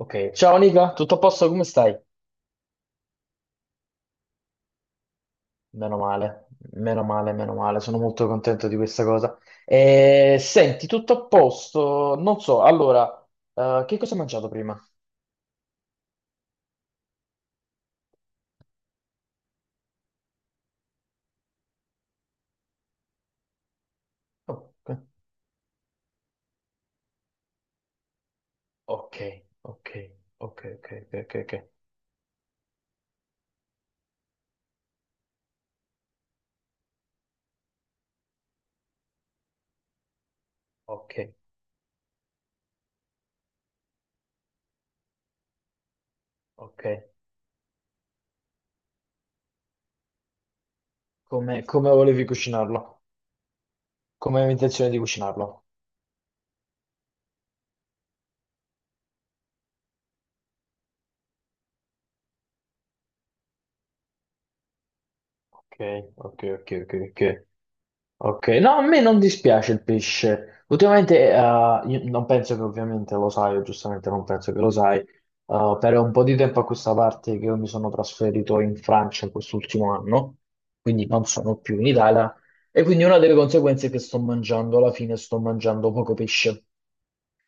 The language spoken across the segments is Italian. Ok, ciao Nica, tutto a posto? Come stai? Meno male, meno male, meno male, sono molto contento di questa cosa. Senti, tutto a posto? Non so, allora, che cosa hai mangiato prima? Oh, ok, ok, ok, ok, ok, ok, ok, ok, ok. Come volevi cucinarlo? Come avevi intenzione di cucinarlo? Ok, ok, ok, ok, ok. Ok, no, a me non dispiace il pesce. Ultimamente, io non penso che ovviamente lo sai, o giustamente non penso che lo sai, per un po' di tempo a questa parte che io mi sono trasferito in Francia quest'ultimo anno, quindi non sono più in Italia, e quindi una delle conseguenze è che sto mangiando, alla fine sto mangiando poco pesce.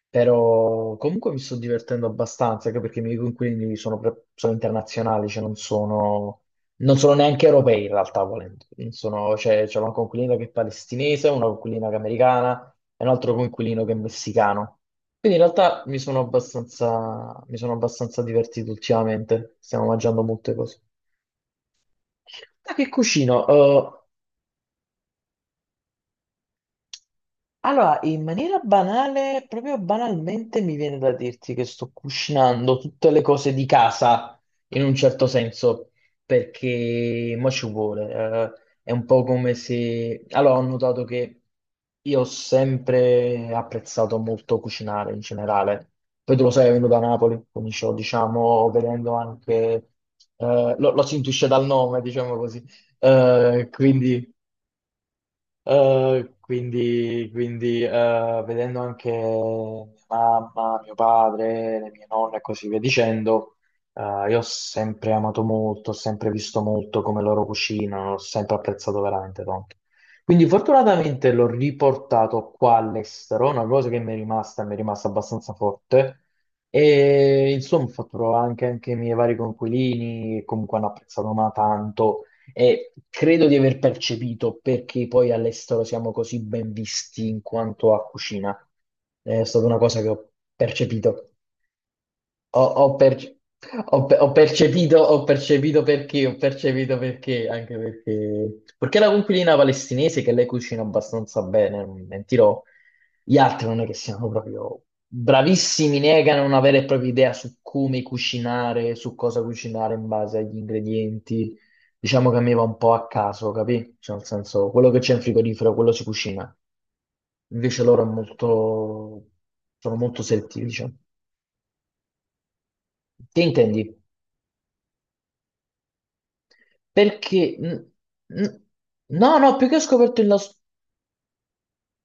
Però comunque mi sto divertendo abbastanza, anche perché i miei coinquilini sono internazionali, cioè non sono neanche europei in realtà, volendo. Non sono, cioè, c'è una coinquilina che è palestinese, una coinquilina che è americana e un altro coinquilino che è messicano. Quindi in realtà mi sono abbastanza divertito ultimamente, stiamo mangiando molte cose. Da che cucino? Allora, in maniera banale, proprio banalmente, mi viene da dirti che sto cucinando tutte le cose di casa, in un certo senso, perché mo ci vuole. È un po' come se, allora, ho notato che io ho sempre apprezzato molto cucinare in generale. Poi tu lo sai, vengo da Napoli, come dicevo, diciamo, vedendo anche, lo si intuisce dal nome, diciamo così. Eh, quindi quindi, vedendo anche mia mamma, mio padre, le mie nonne e così via dicendo, io ho sempre amato molto, ho sempre visto molto come loro cucinano, ho sempre apprezzato veramente tanto. Quindi fortunatamente l'ho riportato qua all'estero, una cosa che mi è rimasta abbastanza forte. E insomma, ho fatto provare anche, anche i miei vari coinquilini, che comunque hanno apprezzato ma tanto, e credo di aver percepito perché poi all'estero siamo così ben visti in quanto a cucina. È stata una cosa che ho percepito. Ho, ho perce- ho percepito, ho percepito perché, anche perché, perché la coinquilina palestinese che lei cucina abbastanza bene, non mi mentirò, gli altri non è che siano proprio bravissimi, negano una vera e propria idea su come cucinare, su cosa cucinare in base agli ingredienti. Diciamo che a me va un po' a caso, capì? Cioè, nel senso, quello che c'è in frigorifero, quello si cucina. Invece loro è molto, sono molto selettivi, diciamo. Che intendi? Perché? N- No, no, più che ho scoperto il nostro,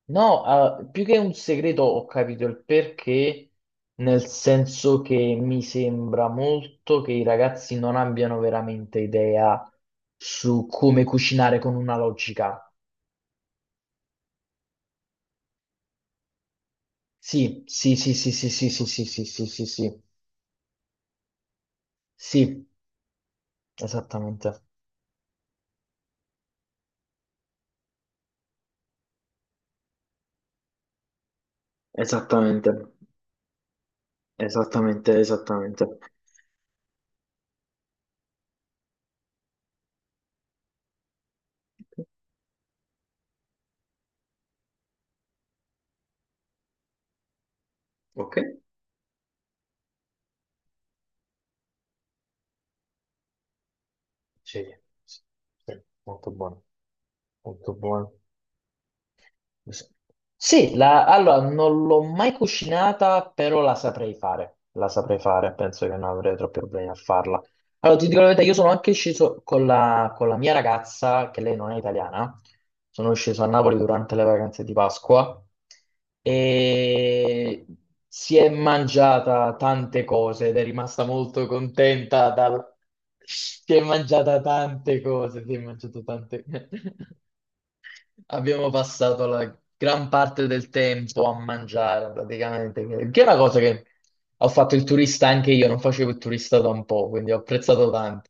no, ah, più che un segreto ho capito il perché, nel senso che mi sembra molto che i ragazzi non abbiano veramente idea su come cucinare con una logica. Sì, sì, sì, sì, sì, sì, sì, sì, sì, sì, sì, sì, sì, esattamente. Esattamente, esattamente, esattamente. Ok. Sì, sì, molto buono, molto buono. S- Sì, allora non l'ho mai cucinata, però la saprei fare. La saprei fare, penso che non avrei troppi problemi a farla. Allora, ti dico la verità, io sono anche sceso con la mia ragazza, che lei non è italiana. Sono sceso a Napoli durante le vacanze di Pasqua e si è mangiata tante cose ed è rimasta molto contenta dal, si è mangiata tante cose, si è mangiata tante. Abbiamo passato la gran parte del tempo a mangiare praticamente, che è una cosa che ho fatto il turista anche io, non facevo il turista da un po', quindi ho apprezzato tanto.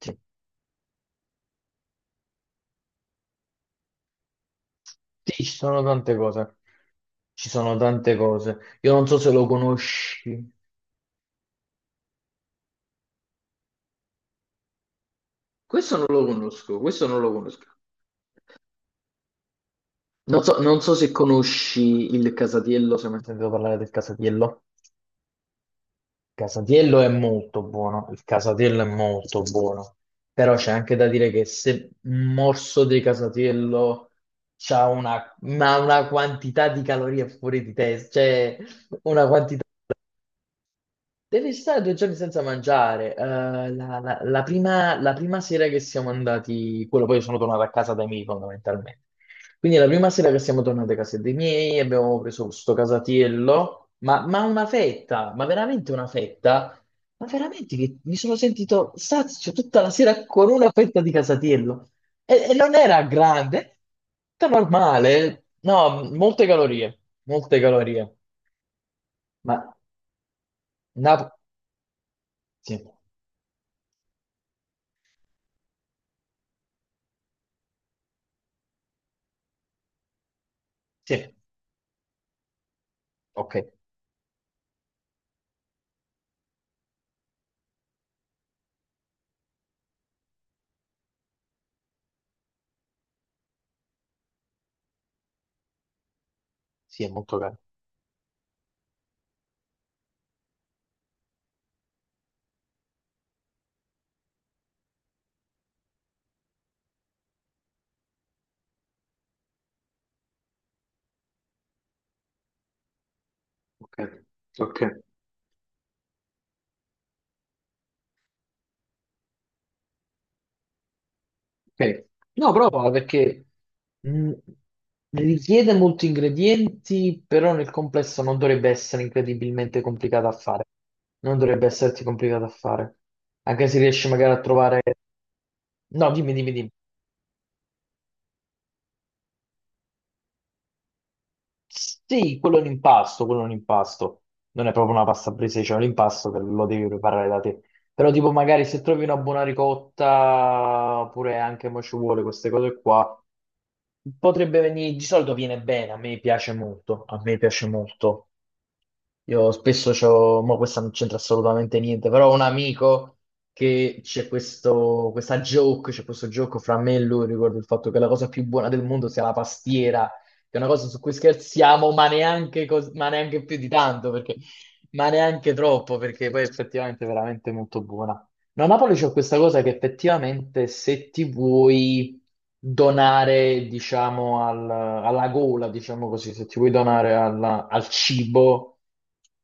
Sì, sì, ci sono tante cose, ci sono tante cose. Io non so se lo conosci. Questo non lo conosco, questo non lo conosco. Non so se conosci il Casatiello, se mai sentito parlare del Casatiello. Casatiello è molto buono, il Casatiello è molto buono, però c'è anche da dire che se un morso di Casatiello ha una, ma una quantità di calorie fuori di testa, cioè una quantità. Devi stare due giorni senza mangiare. La prima sera che siamo andati, quello poi sono tornato a casa dai miei fondamentalmente. Quindi la prima sera che siamo tornati a casa dei miei abbiamo preso questo casatiello, ma una fetta, ma veramente una fetta, ma veramente che mi sono sentito sazio tutta la sera con una fetta di casatiello. E non era grande, era normale, no, molte calorie, molte calorie. Ma Napoli. Sì, sì. Ok, sì, è molto caro. Ok, ok. Ok. No, prova perché mh, richiede molti ingredienti, però nel complesso non dovrebbe essere incredibilmente complicato a fare. Non dovrebbe esserti complicato a fare. Anche se riesci magari a trovare. No, dimmi, dimmi, dimmi. Sì, quello è un impasto, quello è un impasto. Non è proprio una pasta presa, cioè un impasto che lo devi preparare da te. Però tipo magari se trovi una buona ricotta, oppure anche mo ci vuole queste cose qua. Potrebbe venire, di solito viene bene, a me piace molto, a me piace molto. Io spesso c'ho, ma questa non c'entra assolutamente niente, però ho un amico che c'è questo, questa joke, c'è questo gioco fra me e lui riguardo il fatto che la cosa più buona del mondo sia la pastiera, che è una cosa su cui scherziamo, ma neanche, ma neanche più di tanto, perché, ma neanche troppo, perché poi effettivamente è veramente molto buona. No, a Napoli c'è questa cosa che effettivamente se ti vuoi donare, diciamo, al, alla gola, diciamo così, se ti vuoi donare alla, al cibo,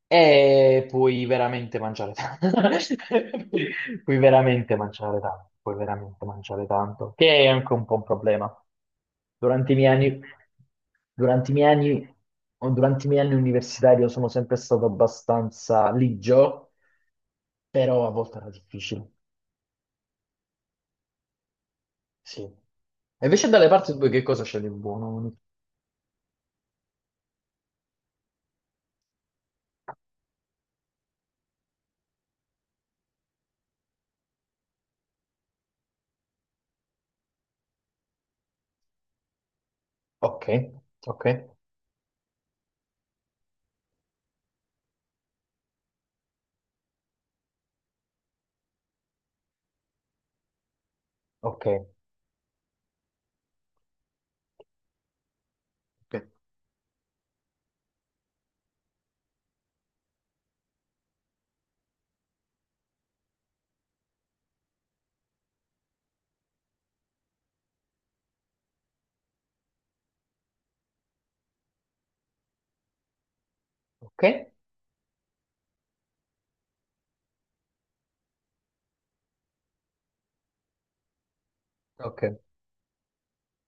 puoi veramente mangiare tanto. Puoi puoi veramente mangiare tanto, puoi veramente mangiare tanto, che è anche un po' un problema. Durante i miei anni, durante i miei anni, durante i miei anni universitari io sono sempre stato abbastanza ligio, però a volte era difficile. Sì. E invece dalle parti tue che cosa c'è di buono? Ok, ok, ok, ok, ok, ok.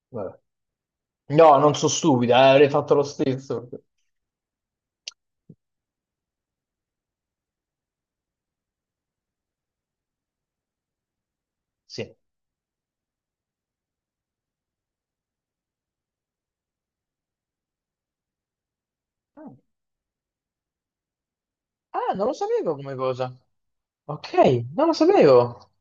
Vabbè. No, non sono stupida, avrei fatto lo stesso. Sì. Ah, non lo sapevo come cosa. Ok, non lo sapevo.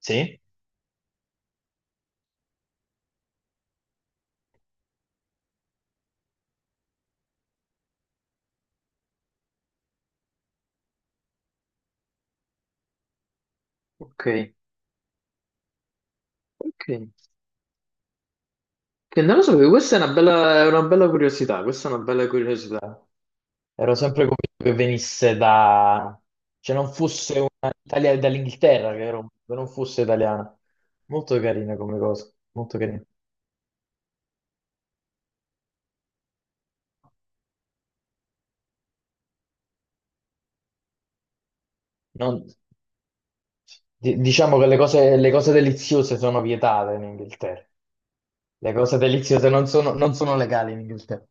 Sì. Ok. Ok. Che non lo sapevo, questa è una bella curiosità, questa è una bella curiosità. Ero sempre convinto che venisse da, cioè non fosse una, Italia dall'Inghilterra, che, che non fosse italiana. Molto carina come cosa, molto carina. Non- diciamo che le cose deliziose sono vietate in Inghilterra. Le cose deliziose non sono legali in Inghilterra.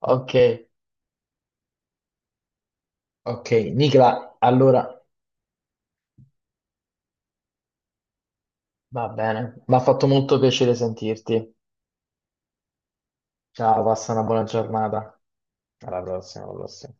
Ok, ok. Nicola, allora va bene. Mi ha fatto molto piacere sentirti. Ciao, passa una buona giornata. Alla prossima, alla prossima.